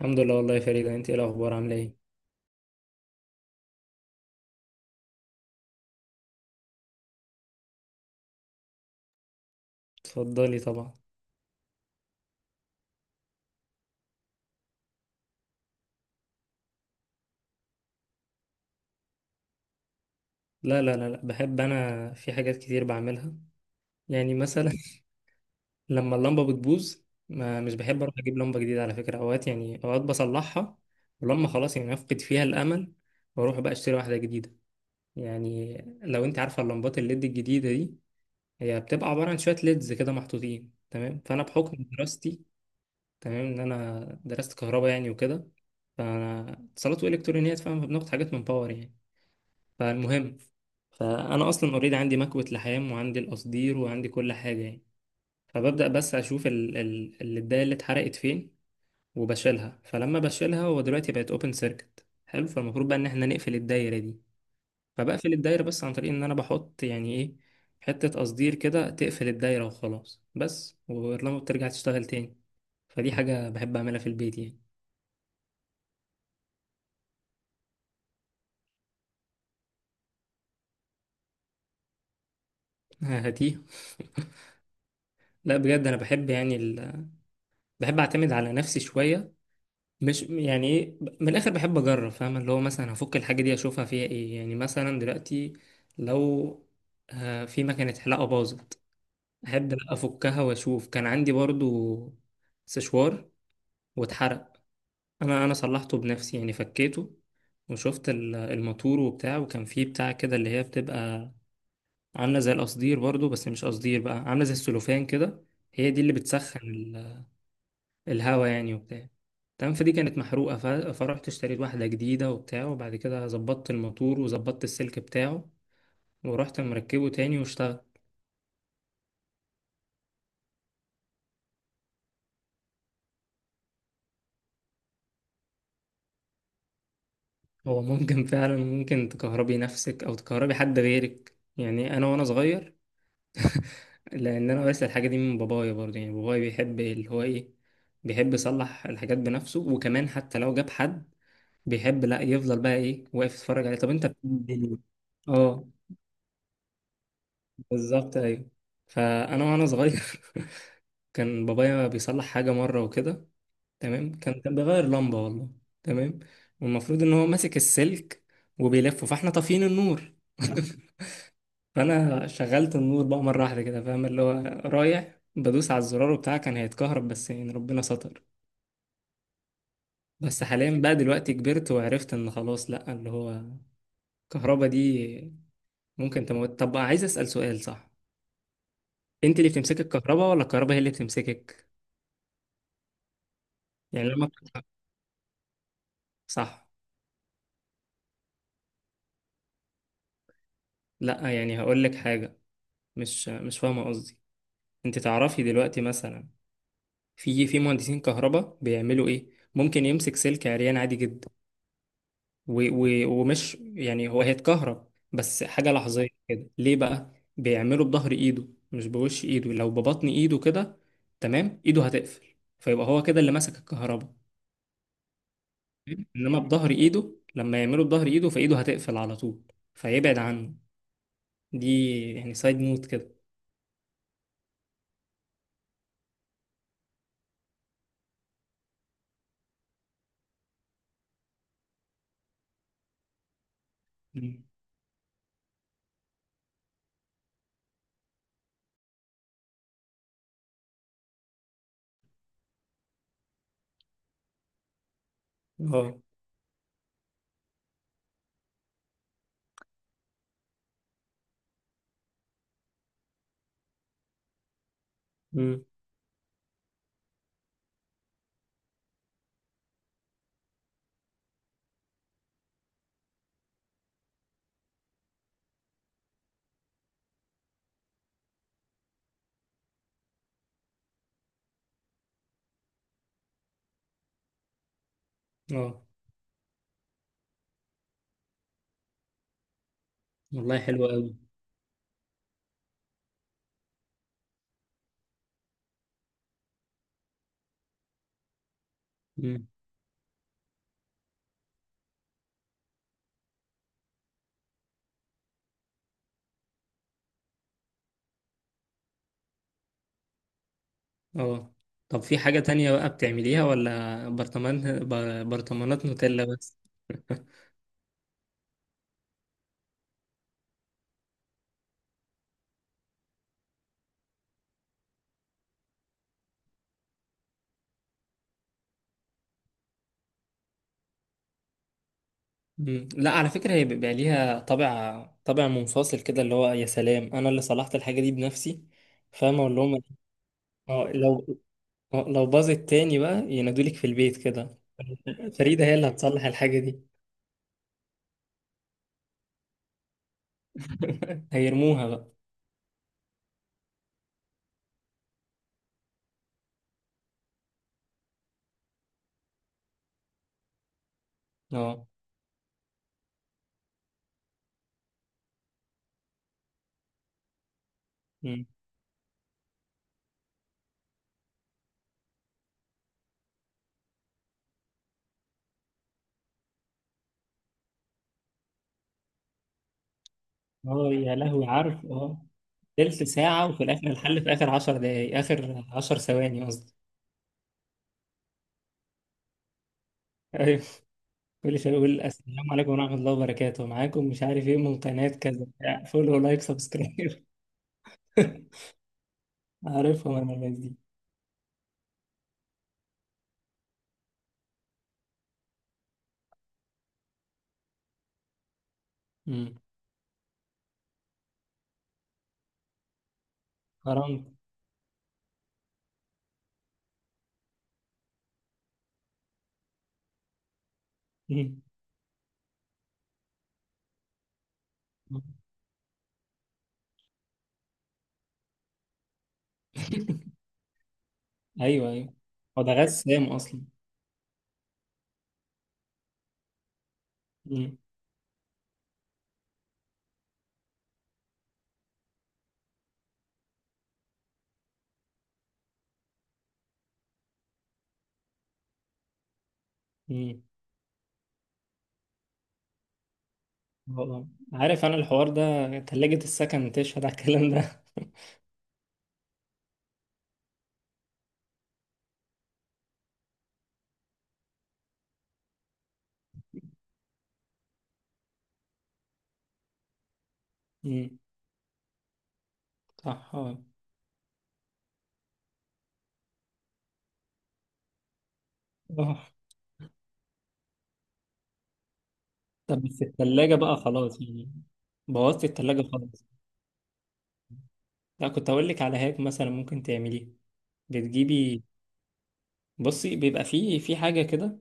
الحمد لله، والله يا فريدة، انت ايه الاخبار؟ عامله ايه؟ اتفضلي طبعا. لا، لا، لا، لا، بحب انا في حاجات كتير بعملها. يعني مثلا، لما اللمبه بتبوظ، ما مش بحب اروح اجيب لمبه جديده، على فكره، اوقات يعني اوقات بصلحها. ولما خلاص يعني افقد فيها الامل، واروح بقى اشتري واحده جديده. يعني لو انت عارفه اللمبات الليد الجديده دي، هي بتبقى عباره عن شويه ليدز كده محطوطين. تمام، فانا بحكم دراستي، تمام، ان انا درست كهرباء يعني وكده، فانا اتصالات والكترونيات فاهم، بناخد حاجات من باور يعني. فالمهم، فانا اصلا اوريدي عندي مكوة لحام وعندي القصدير وعندي كل حاجة يعني. فببدأ بس اشوف الداية اللي اتحرقت فين، وبشيلها. فلما بشيلها، هو دلوقتي بقت اوبن سيركت، حلو، فالمفروض بقى ان احنا نقفل الدايرة دي. فبقفل الدايرة، بس عن طريق ان انا بحط يعني ايه، حتة قصدير كده تقفل الدايرة وخلاص، بس. ولما بترجع تشتغل تاني. فدي حاجة بحب اعملها في البيت يعني. هاتيه. لا بجد، انا بحب يعني بحب اعتمد على نفسي شوية، مش يعني ايه، من الاخر بحب اجرب، فاهم اللي هو مثلا هفك الحاجه دي اشوفها فيها ايه، يعني مثلا دلوقتي لو في مكنه حلاقه باظت، احب لأ افكها واشوف. كان عندي برضو سشوار واتحرق، انا صلحته بنفسي يعني، فكيته وشفت الماتور وبتاع، وكان فيه بتاع كده اللي هي بتبقى عامله زي القصدير برضو، بس مش قصدير بقى، عامله زي السلوفان كده. هي دي اللي بتسخن الهوا يعني وبتاع. تمام، فدي كانت محروقة، فرحت اشتريت واحدة جديدة وبتاع، وبعد كده ظبطت الموتور وظبطت السلك بتاعه، ورحت مركبه تاني واشتغل. هو ممكن فعلا ممكن تكهربي نفسك أو تكهربي حد غيرك. يعني أنا وأنا صغير، لأن أنا ورثت الحاجة دي من بابايا برضه، يعني بابايا بيحب اللي هو إيه، بيحب يصلح الحاجات بنفسه. وكمان حتى لو جاب حد، بيحب لا يفضل بقى إيه، واقف يتفرج عليه، طب أنت بتعمل إيه؟ اه، بالظبط، ايوه. فانا وانا صغير، كان بابايا بيصلح حاجه مره وكده، تمام، كان بيغير لمبه والله. تمام، والمفروض ان هو ماسك السلك وبيلفه، فاحنا طافيين النور. فانا شغلت النور بقى مره واحده كده، فاهم اللي هو رايح بدوس على الزرار بتاعه، كان هيتكهرب، بس يعني ربنا ستر. بس حاليا بقى دلوقتي كبرت وعرفت ان خلاص، لا، اللي هو الكهرباء دي ممكن تموت. طب عايز اسال سؤال، صح؟ انت اللي بتمسكي الكهرباء ولا الكهرباء هي اللي بتمسكك؟ يعني لما، صح، لا يعني هقول لك حاجة، مش فاهمة قصدي. انت تعرفي دلوقتي مثلا، في مهندسين كهرباء بيعملوا ايه، ممكن يمسك سلك عريان عادي جدا، و و ومش يعني هو هيتكهرب، بس حاجة لحظية كده. ليه بقى؟ بيعمله بظهر ايده مش بوش ايده. لو ببطن ايده كده، تمام، ايده هتقفل، فيبقى هو كده اللي ماسك الكهرباء. انما بظهر ايده، لما يعمله بظهر ايده فايده هتقفل على طول، فيبعد عنه. دي يعني سايد نوت كده. اه. امم. اه. والله حلو قوي. امم. اه. طب في حاجة تانية بقى بتعمليها ولا برطمان برطمانات نوتيلا بس؟ امم. لا، على فكرة، هي بيبقى ليها طابع طابع منفصل كده، اللي هو يا سلام، انا اللي صلحت الحاجة دي بنفسي. فاهم اقول لهم، اه، لو لو باظت تاني بقى ينادولك في البيت كده، فريدة هي اللي هتصلح الحاجة دي. هيرموها بقى. اه. اه يا لهوي، عارف، اه، تلت ساعة وفي الآخر الحل في آخر 10 دقايق، آخر 10 ثواني قصدي. أيوه، كل شوية يقول السلام عليكم ورحمة الله وبركاته، معاكم مش عارف إيه، من قناة كذا، فولو، لايك، سبسكرايب. عارفهم أنا الناس دي. مم. حرام. مم. أيوه أيوه، هو ده غسام أصلا. مم. مم. هو. عارف أنا الحوار ده، تلاجة السكن تشهد على الكلام ده. مم. صح. اه. آه. طب بس التلاجة بقى خلاص يعني؟ بوظت التلاجة خالص. لا، كنت أقول لك على هاك مثلا ممكن تعمليه، بتجيبي، بصي، بيبقى فيه في حاجة كده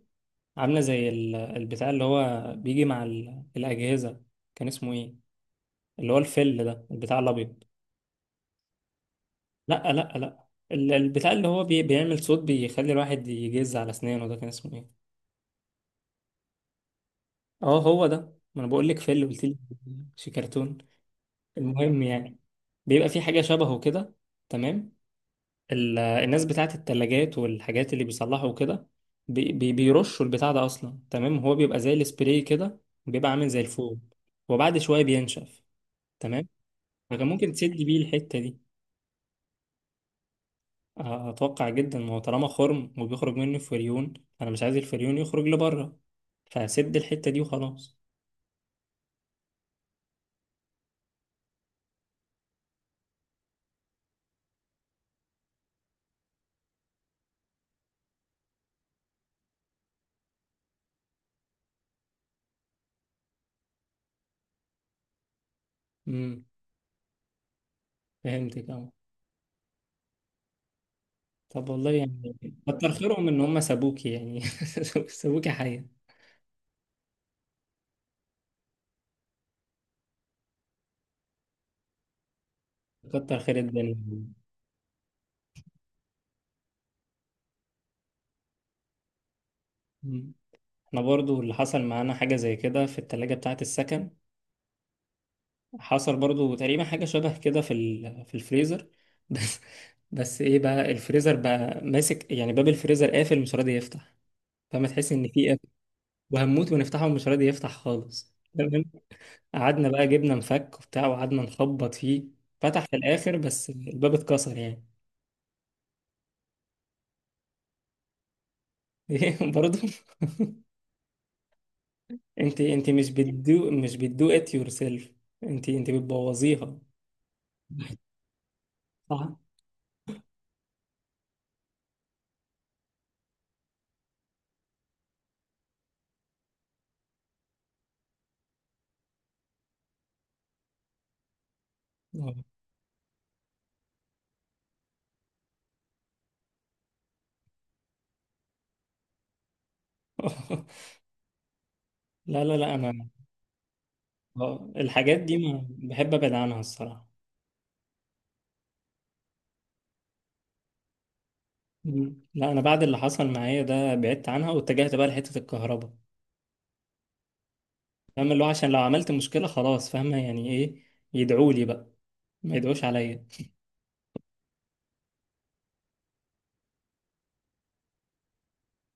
عاملة زي البتاع اللي هو بيجي مع الأجهزة، كان اسمه إيه؟ اللي هو الفل ده، البتاع الأبيض. لا، لا، لا، البتاع اللي هو بيعمل صوت، بيخلي الواحد يجز على أسنانه، ده كان اسمه إيه؟ أه، هو ده. ما أنا بقول لك فل، قلت لي شي كرتون. المهم يعني، بيبقى في حاجة شبهه كده. تمام، الناس بتاعت التلاجات والحاجات اللي بيصلحوا كده، بيرشوا البتاع ده اصلا. تمام، هو بيبقى زي السبراي كده، بيبقى عامل زي الفوم، وبعد شويه بينشف. تمام، فكان ممكن تسد بيه الحته دي. اتوقع جدا، ما هو طالما خرم وبيخرج منه فريون، انا مش عايز الفريون يخرج لبره، فسد الحته دي وخلاص. امم فهمتك، اه. طب والله يعني كتر خيرهم ان هم سابوكي، يعني سابوكي حيه. كتر خير الدنيا. انا برضو اللي حصل معانا حاجة زي كده في التلاجة بتاعة السكن، حصل برضو تقريبا حاجة شبه كده في في الفريزر. بس بس ايه بقى، الفريزر بقى ماسك، يعني باب الفريزر قافل مش راضي يفتح، فما تحس ان في قافل، وهنموت ونفتحه ومش راضي يفتح خالص. تمام، قعدنا بقى جبنا مفك وبتاع وقعدنا نخبط فيه، فتح في الاخر، بس الباب اتكسر يعني. ايه برضو. انت مش بتدو ات يور سيلف، انت بتبوظيها. صح. لا، لا، لا، انا الحاجات دي ما بحب ابعد عنها الصراحه. مم. لا، انا بعد اللي حصل معايا ده بعدت عنها واتجهت بقى لحته الكهرباء، فاهم اللي هو عشان لو عملت مشكله خلاص، فاهمه يعني ايه، يدعوا لي بقى، ما يدعوش عليا.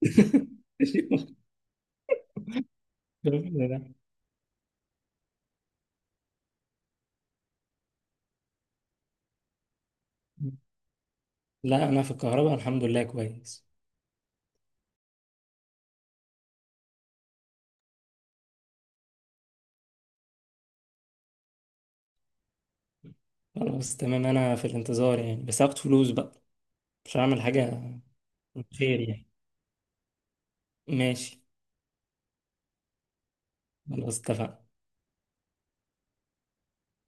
لا، لا، انا في الكهرباء الحمد لله كويس. خلاص تمام، انا في الانتظار يعني، بس هاخد فلوس بقى، مش هعمل حاجه. خير يعني. ماشي، خلاص، اتفقنا.